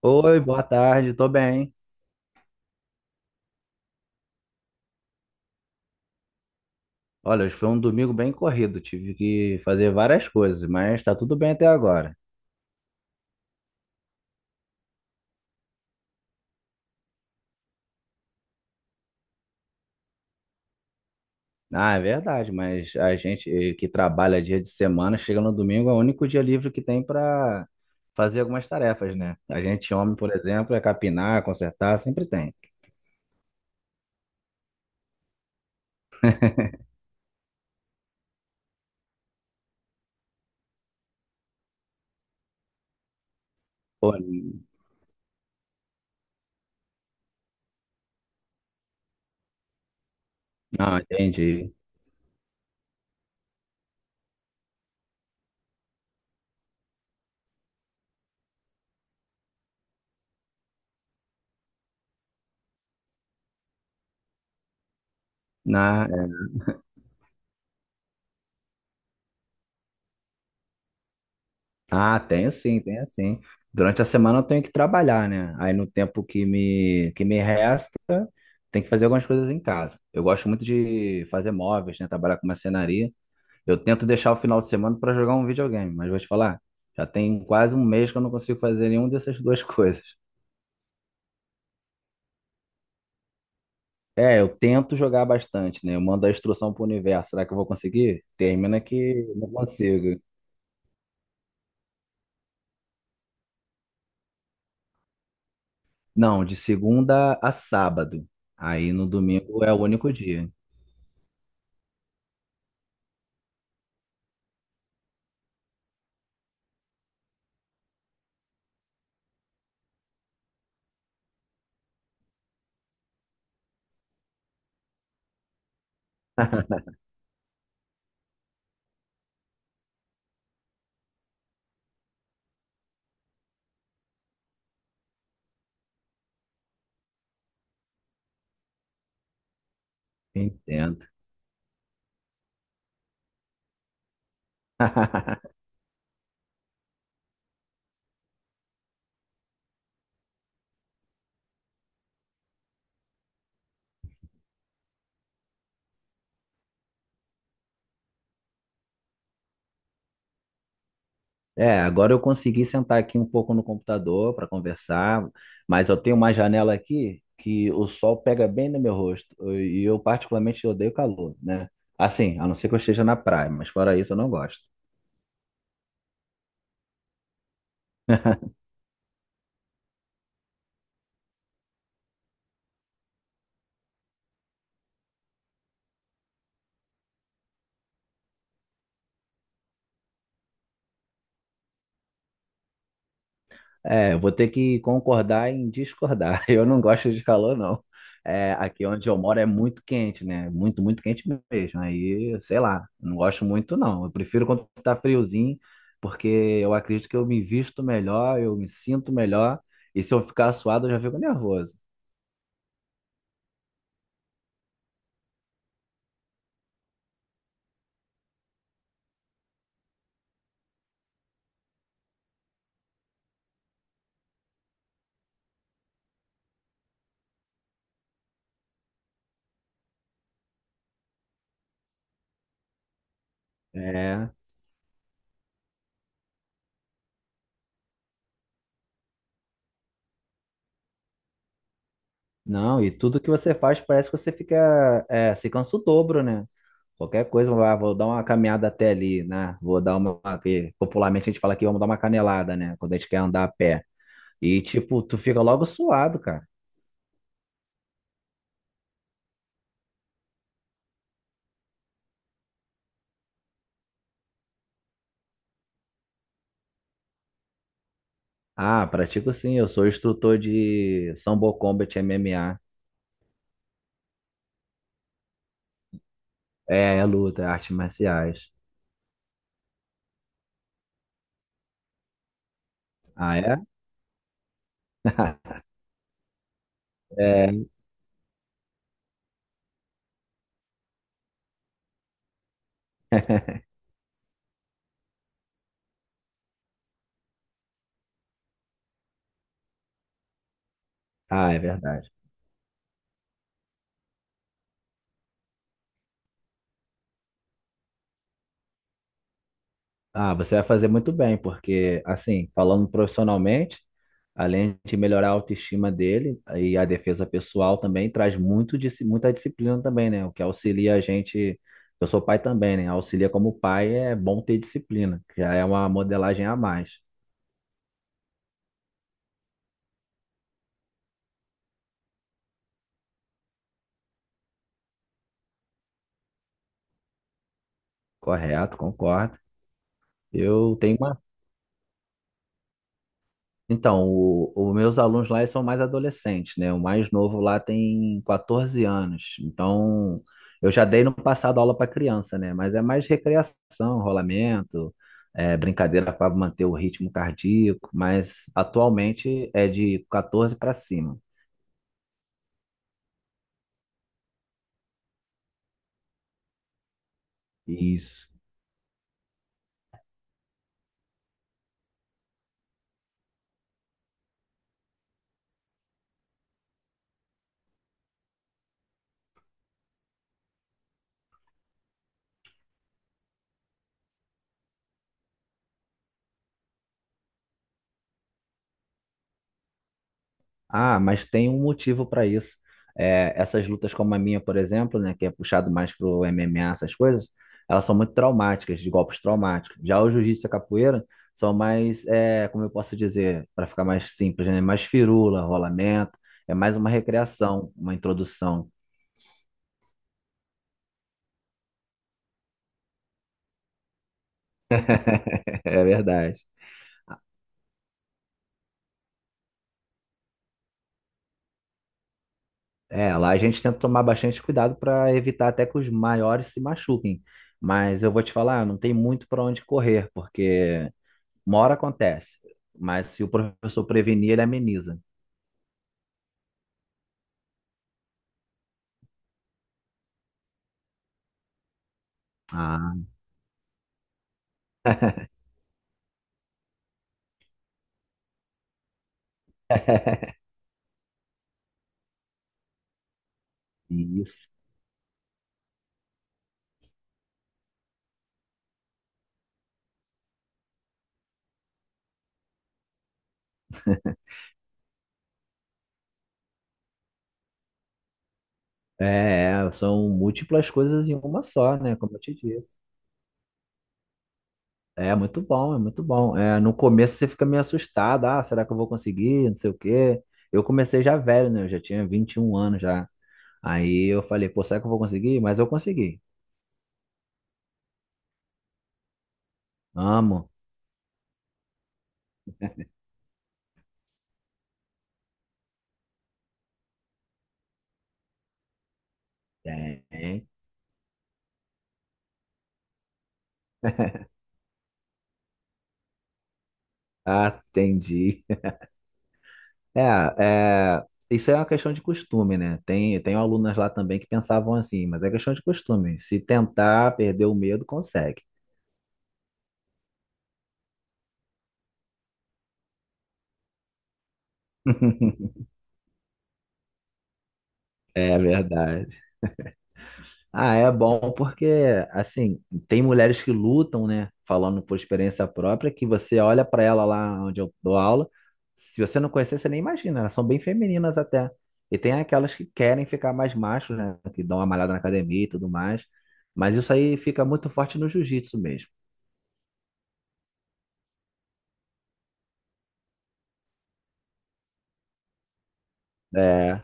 Oi, boa tarde, tô bem. Olha, hoje foi um domingo bem corrido, tive que fazer várias coisas, mas tá tudo bem até agora. Ah, é verdade, mas a gente que trabalha dia de semana, chega no domingo, é o único dia livre que tem pra fazer algumas tarefas, né? A gente, homem, por exemplo, é capinar, consertar, sempre tem. Pô, não, entendi. É. Ah, tenho sim, tenho sim. Durante a semana eu tenho que trabalhar, né? Aí no tempo que me resta, tem que fazer algumas coisas em casa. Eu gosto muito de fazer móveis, né? Trabalhar com marcenaria. Eu tento deixar o final de semana para jogar um videogame, mas vou te falar, já tem quase um mês que eu não consigo fazer nenhuma dessas duas coisas. É, eu tento jogar bastante, né? Eu mando a instrução pro universo. Será que eu vou conseguir? Termina que não consigo. Não, de segunda a sábado. Aí no domingo é o único dia. Entendo. É, agora eu consegui sentar aqui um pouco no computador para conversar, mas eu tenho uma janela aqui que o sol pega bem no meu rosto e eu particularmente odeio calor, né? Assim, a não ser que eu esteja na praia, mas fora isso eu não gosto. É, eu vou ter que concordar em discordar. Eu não gosto de calor, não. É, aqui onde eu moro é muito quente, né? Muito, muito quente mesmo. Aí, sei lá, não gosto muito, não. Eu prefiro quando tá friozinho, porque eu acredito que eu me visto melhor, eu me sinto melhor. E se eu ficar suado, eu já fico nervoso. É, não, e tudo que você faz parece que você fica, é, se cansa o dobro, né? Qualquer coisa, ah, vou dar uma caminhada até ali, né? Vou dar uma. Que Popularmente a gente fala que vamos dar uma canelada, né? Quando a gente quer andar a pé. E, tipo, tu fica logo suado, cara. Ah, pratico sim, eu sou instrutor de Sambo Combat MMA. É, é luta, é artes marciais. Ah, é? É. Ah, é verdade. Ah, você vai fazer muito bem, porque, assim, falando profissionalmente, além de melhorar a autoestima dele e a defesa pessoal também, traz muito, muita disciplina também, né? O que auxilia a gente. Eu sou pai também, né? Auxilia como pai é bom ter disciplina, que já é uma modelagem a mais. Correto, concordo. Eu tenho. Então, os meus alunos lá eles são mais adolescentes, né? O mais novo lá tem 14 anos. Então, eu já dei no passado aula para criança, né? Mas é mais recreação, rolamento, é, brincadeira para manter o ritmo cardíaco. Mas atualmente é de 14 para cima. Isso. Ah, mas tem um motivo para isso. É, essas lutas como a minha, por exemplo, né, que é puxado mais pro MMA, essas coisas, elas são muito traumáticas, de golpes traumáticos. Já o jiu-jitsu e a capoeira são mais, é, como eu posso dizer, para ficar mais simples, né, mais firula, rolamento, é mais uma recreação, uma introdução. É verdade. É, lá a gente tenta tomar bastante cuidado para evitar até que os maiores se machuquem. Mas eu vou te falar, não tem muito para onde correr, porque uma hora acontece, mas se o professor prevenir, ele ameniza. Ah, isso. É, é, são múltiplas coisas em uma só, né? Como eu te disse. É muito bom, é muito bom. É, no começo você fica meio assustado. Ah, será que eu vou conseguir? Não sei o quê. Eu comecei já velho, né? Eu já tinha 21 anos já. Aí eu falei, pô, será que eu vou conseguir? Mas eu consegui. Amo. Tem. Atendi. É, é, isso é uma questão de costume, né? Tem alunas lá também que pensavam assim, mas é questão de costume. Se tentar perder o medo, consegue. É verdade. Ah, é bom porque, assim, tem mulheres que lutam, né? Falando por experiência própria, que você olha para ela lá onde eu dou aula, se você não conhecer, você nem imagina, elas são bem femininas até. E tem aquelas que querem ficar mais machos, né? Que dão uma malhada na academia e tudo mais. Mas isso aí fica muito forte no jiu-jitsu mesmo. É.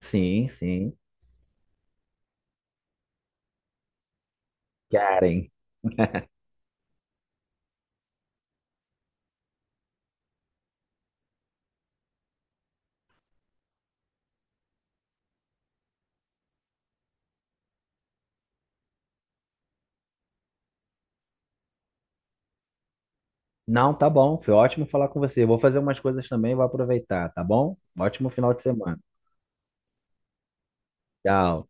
Sim, sim. Karen. Não, tá bom. Foi ótimo falar com você. Eu Vou fazer umas coisas também, vou aproveitar, tá bom? Ótimo final de semana. Tchau.